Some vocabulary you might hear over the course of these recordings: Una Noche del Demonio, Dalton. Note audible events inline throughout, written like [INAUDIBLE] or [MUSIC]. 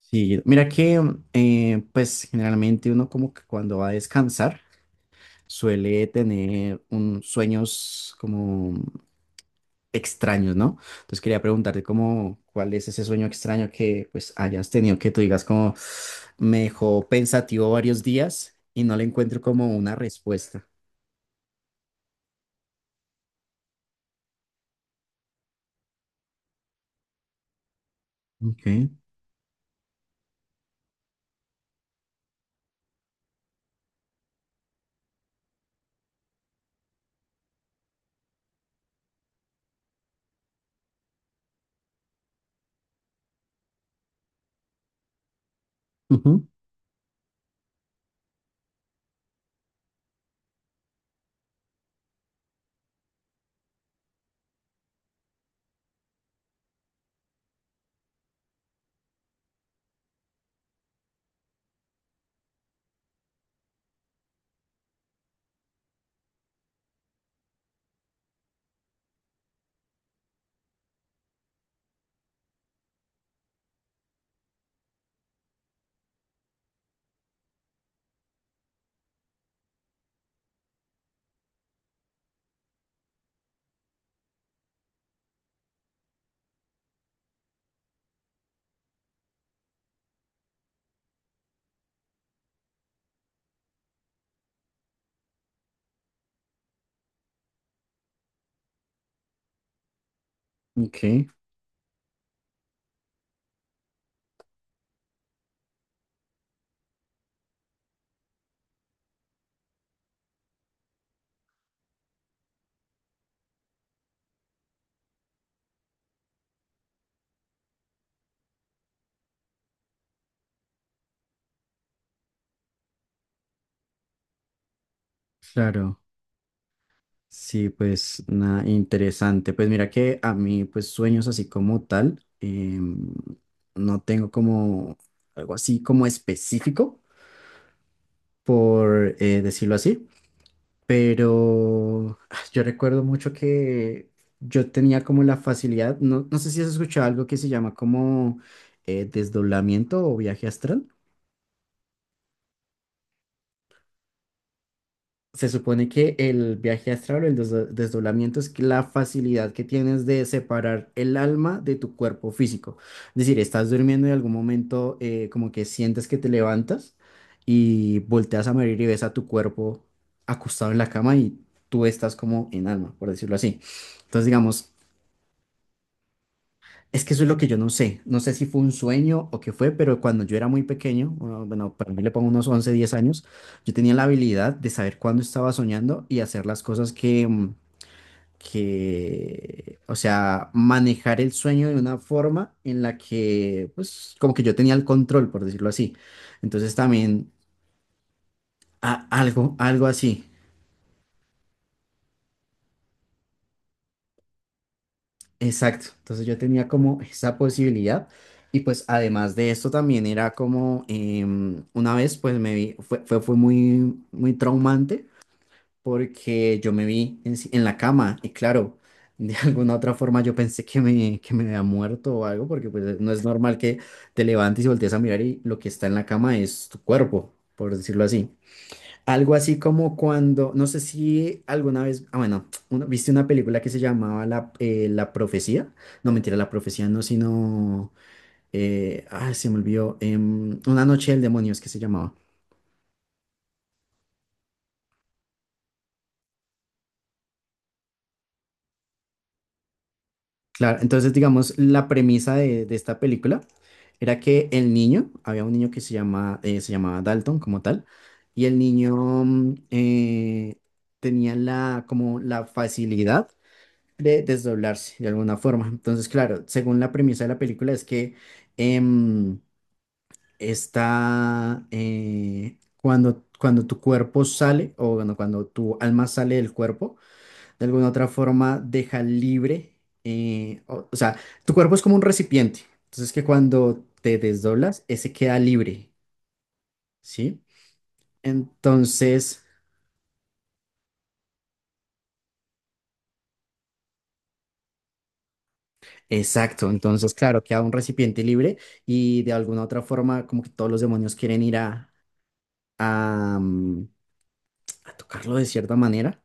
Sí, mira que pues generalmente uno como que cuando va a descansar suele tener sueños como extraños, ¿no? Entonces quería preguntarte como cuál es ese sueño extraño que pues hayas tenido que tú digas como me dejó pensativo varios días y no le encuentro como una respuesta. Ok, ujú, ok, claro. Sí, pues nada, interesante. Pues mira que a mí, pues sueños así como tal, no tengo como algo así como específico, por decirlo así, pero yo recuerdo mucho que yo tenía como la facilidad, no, no sé si has escuchado algo que se llama como desdoblamiento o viaje astral. Se supone que el viaje astral o el desdoblamiento es que la facilidad que tienes de separar el alma de tu cuerpo físico. Es decir, estás durmiendo y en algún momento como que sientes que te levantas y volteas a morir y ves a tu cuerpo acostado en la cama y tú estás como en alma, por decirlo así. Entonces, digamos, es que eso es lo que yo no sé. No sé si fue un sueño o qué fue, pero cuando yo era muy pequeño, bueno, bueno, para mí le pongo unos 11 10 años, yo tenía la habilidad de saber cuándo estaba soñando y hacer las cosas que, o sea, manejar el sueño de una forma en la que, pues, como que yo tenía el control, por decirlo así. Entonces también, algo, algo así. Exacto, entonces yo tenía como esa posibilidad y pues además de esto también era como una vez pues me vi, fue muy, muy traumante porque yo me vi en, si- en la cama y claro, de [LAUGHS] alguna otra forma yo pensé que me había muerto o algo porque pues no es normal que te levantes y voltees a mirar y lo que está en la cama es tu cuerpo, por decirlo así. Algo así como cuando, no sé si alguna vez, bueno, viste una película que se llamaba La Profecía. No, mentira, La Profecía no, sino, se me olvidó, Una Noche del Demonio es que se llamaba. Claro, entonces digamos, la premisa de esta película era que el niño, había un niño que se llamaba Dalton como tal, y el niño mm, eh, tenía como la facilidad de desdoblarse de alguna forma. Entonces, claro, según la premisa de la película es que em, está cuando tu cuerpo sale, o bueno, cuando tu alma sale del cuerpo, de alguna otra forma deja libre, o sea, tu cuerpo es como un recipiente. Entonces, que cuando te desdoblas, ese queda libre, ¿sí? Entonces… Exacto, entonces claro, queda un recipiente libre y de alguna otra forma como que todos los demonios quieren ir a, mm, a tocarlo de cierta manera.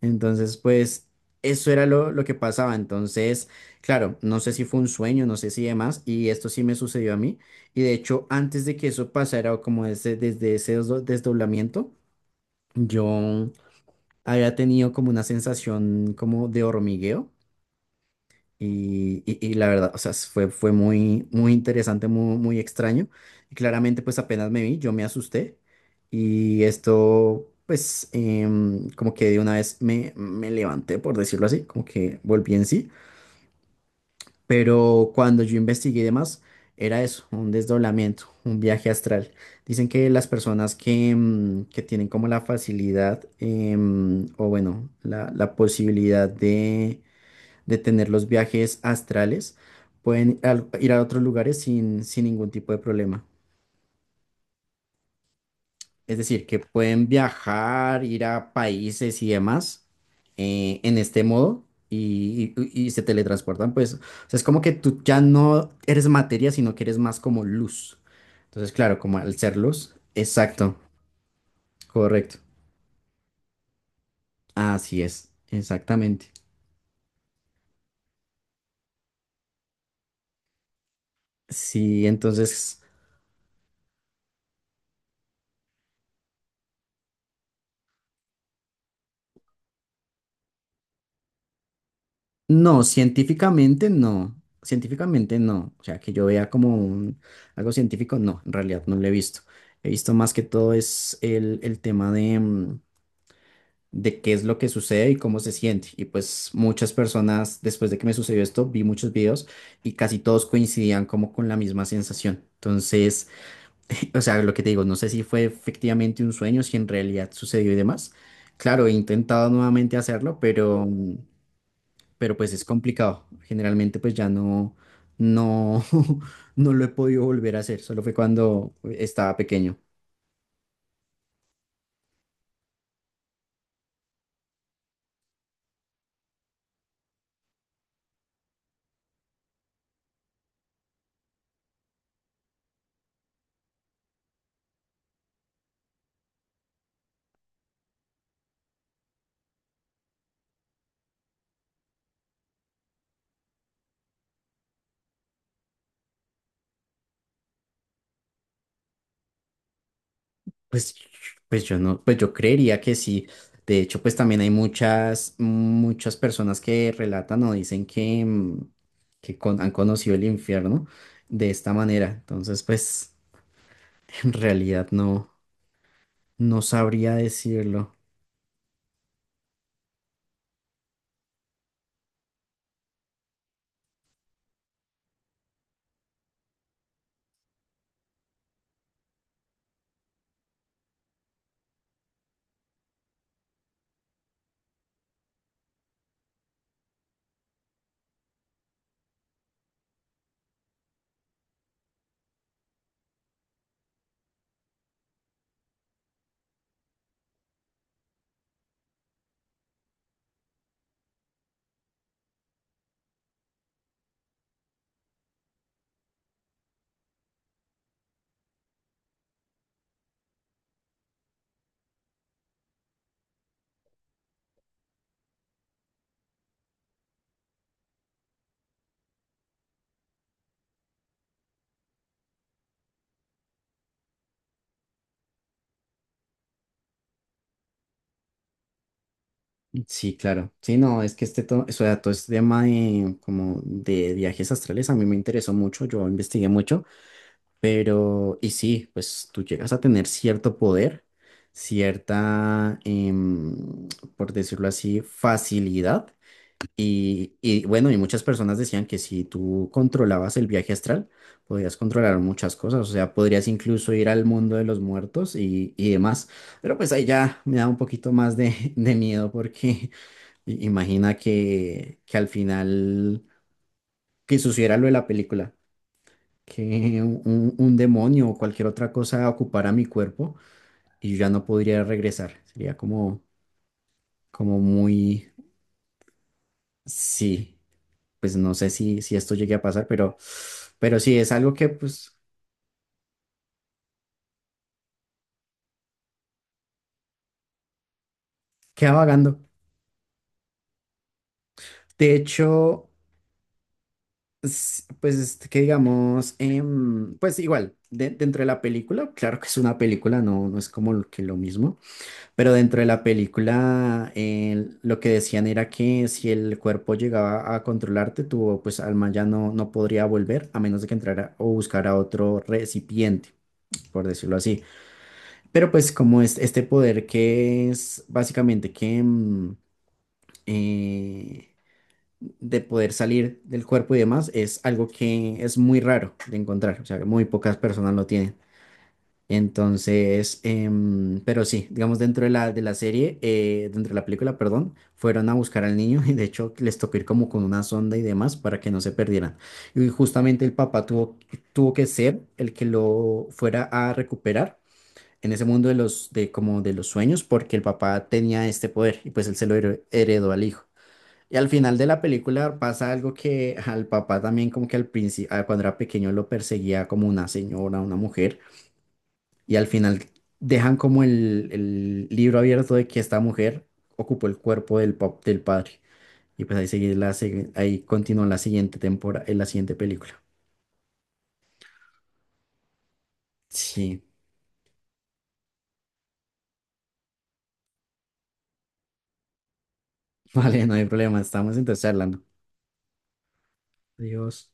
Entonces, pues eso era lo que pasaba. Entonces, claro, no sé si fue un sueño, no sé si demás, y esto sí me sucedió a mí. Y de hecho, antes de que eso pasara, o como desde ese desdoblamiento, yo había tenido como una sensación como de hormigueo. Y la verdad, o sea, fue muy, muy interesante, muy, muy extraño. Y claramente, pues apenas me vi, yo me asusté. Y esto, pues, como que de una vez me levanté, por decirlo así, como que volví en sí. Pero cuando yo investigué y demás, era eso, un desdoblamiento, un viaje astral. Dicen que las personas que tienen como la facilidad, o bueno, la posibilidad de tener los viajes astrales, pueden ir a otros lugares sin ningún tipo de problema. Es decir, que pueden viajar, ir a países y demás en este modo y se teletransportan. Pues, o sea, es como que tú ya no eres materia, sino que eres más como luz. Entonces, claro, como al ser luz, exacto, correcto. Así es, exactamente. Sí, entonces… No, científicamente no. Científicamente no. O sea, que yo vea como algo científico, no, en realidad no lo he visto. He visto más que todo es el tema de qué es lo que sucede y cómo se siente. Y pues muchas personas, después de que me sucedió esto, vi muchos videos y casi todos coincidían como con la misma sensación. Entonces, [LAUGHS] o sea, lo que te digo, no sé si fue efectivamente un sueño, si en realidad sucedió y demás. Claro, he intentado nuevamente hacerlo, pero pues es complicado. Generalmente pues ya no, no, [LAUGHS] no lo he podido volver a hacer, solo fue cuando estaba pequeño. Pues, pues yo no, pues yo creería que sí. De hecho, pues también hay muchas, muchas personas que relatan o dicen que han conocido el infierno de esta manera. Entonces, pues [LAUGHS] en realidad no, no sabría decirlo. Sí, claro. Sí, no, es que este todo, o sea, todo este tema de, como de viajes astrales a mí me interesó mucho, yo investigué mucho, pero, y sí, pues tú llegas a tener cierto poder, cierta, por decirlo así, facilidad. Y bueno, y muchas personas decían que si tú controlabas el viaje astral, podías controlar muchas cosas, o sea, podrías incluso ir al mundo de los muertos y demás. Pero pues ahí ya me da un poquito más de miedo porque… Imagina que al final, que sucediera lo de la película, que un demonio o cualquier otra cosa ocupara mi cuerpo y yo ya no podría regresar. Sería como, muy, sí, pues no sé si esto llegue a pasar, pero sí, es algo que pues queda vagando. De hecho, pues este, que digamos, pues igual, dentro de la película, claro que es una película, no, no es como que lo mismo. Pero dentro de la película, lo que decían era que si el cuerpo llegaba a controlarte, tu pues alma ya no, no podría volver a menos de que entrara o buscara otro recipiente, por decirlo así. Pero pues como es este poder que es básicamente que eh, de poder salir del cuerpo y demás, es algo que es muy raro de encontrar, o sea, que muy pocas personas lo tienen. Entonces, pero sí, digamos dentro de la serie, dentro de la película, perdón, fueron a buscar al niño [LAUGHS] y de hecho les tocó ir como con una sonda y demás para que no se perdieran. Y justamente el papá tuvo que ser el que lo fuera a recuperar en ese mundo de como de los sueños, porque el papá tenía este poder y pues él se lo heredó al hijo. Y al final de la película pasa algo que al papá también como que al principio, cuando era pequeño lo perseguía como una señora, una mujer y al final dejan como el libro abierto de que esta mujer ocupó el cuerpo del, del padre. Y pues ahí sigue ahí continúa la siguiente temporada, en la siguiente película. Sí, [LAUGHS] vale, no hay problema, estamos entonces hablando. Adiós.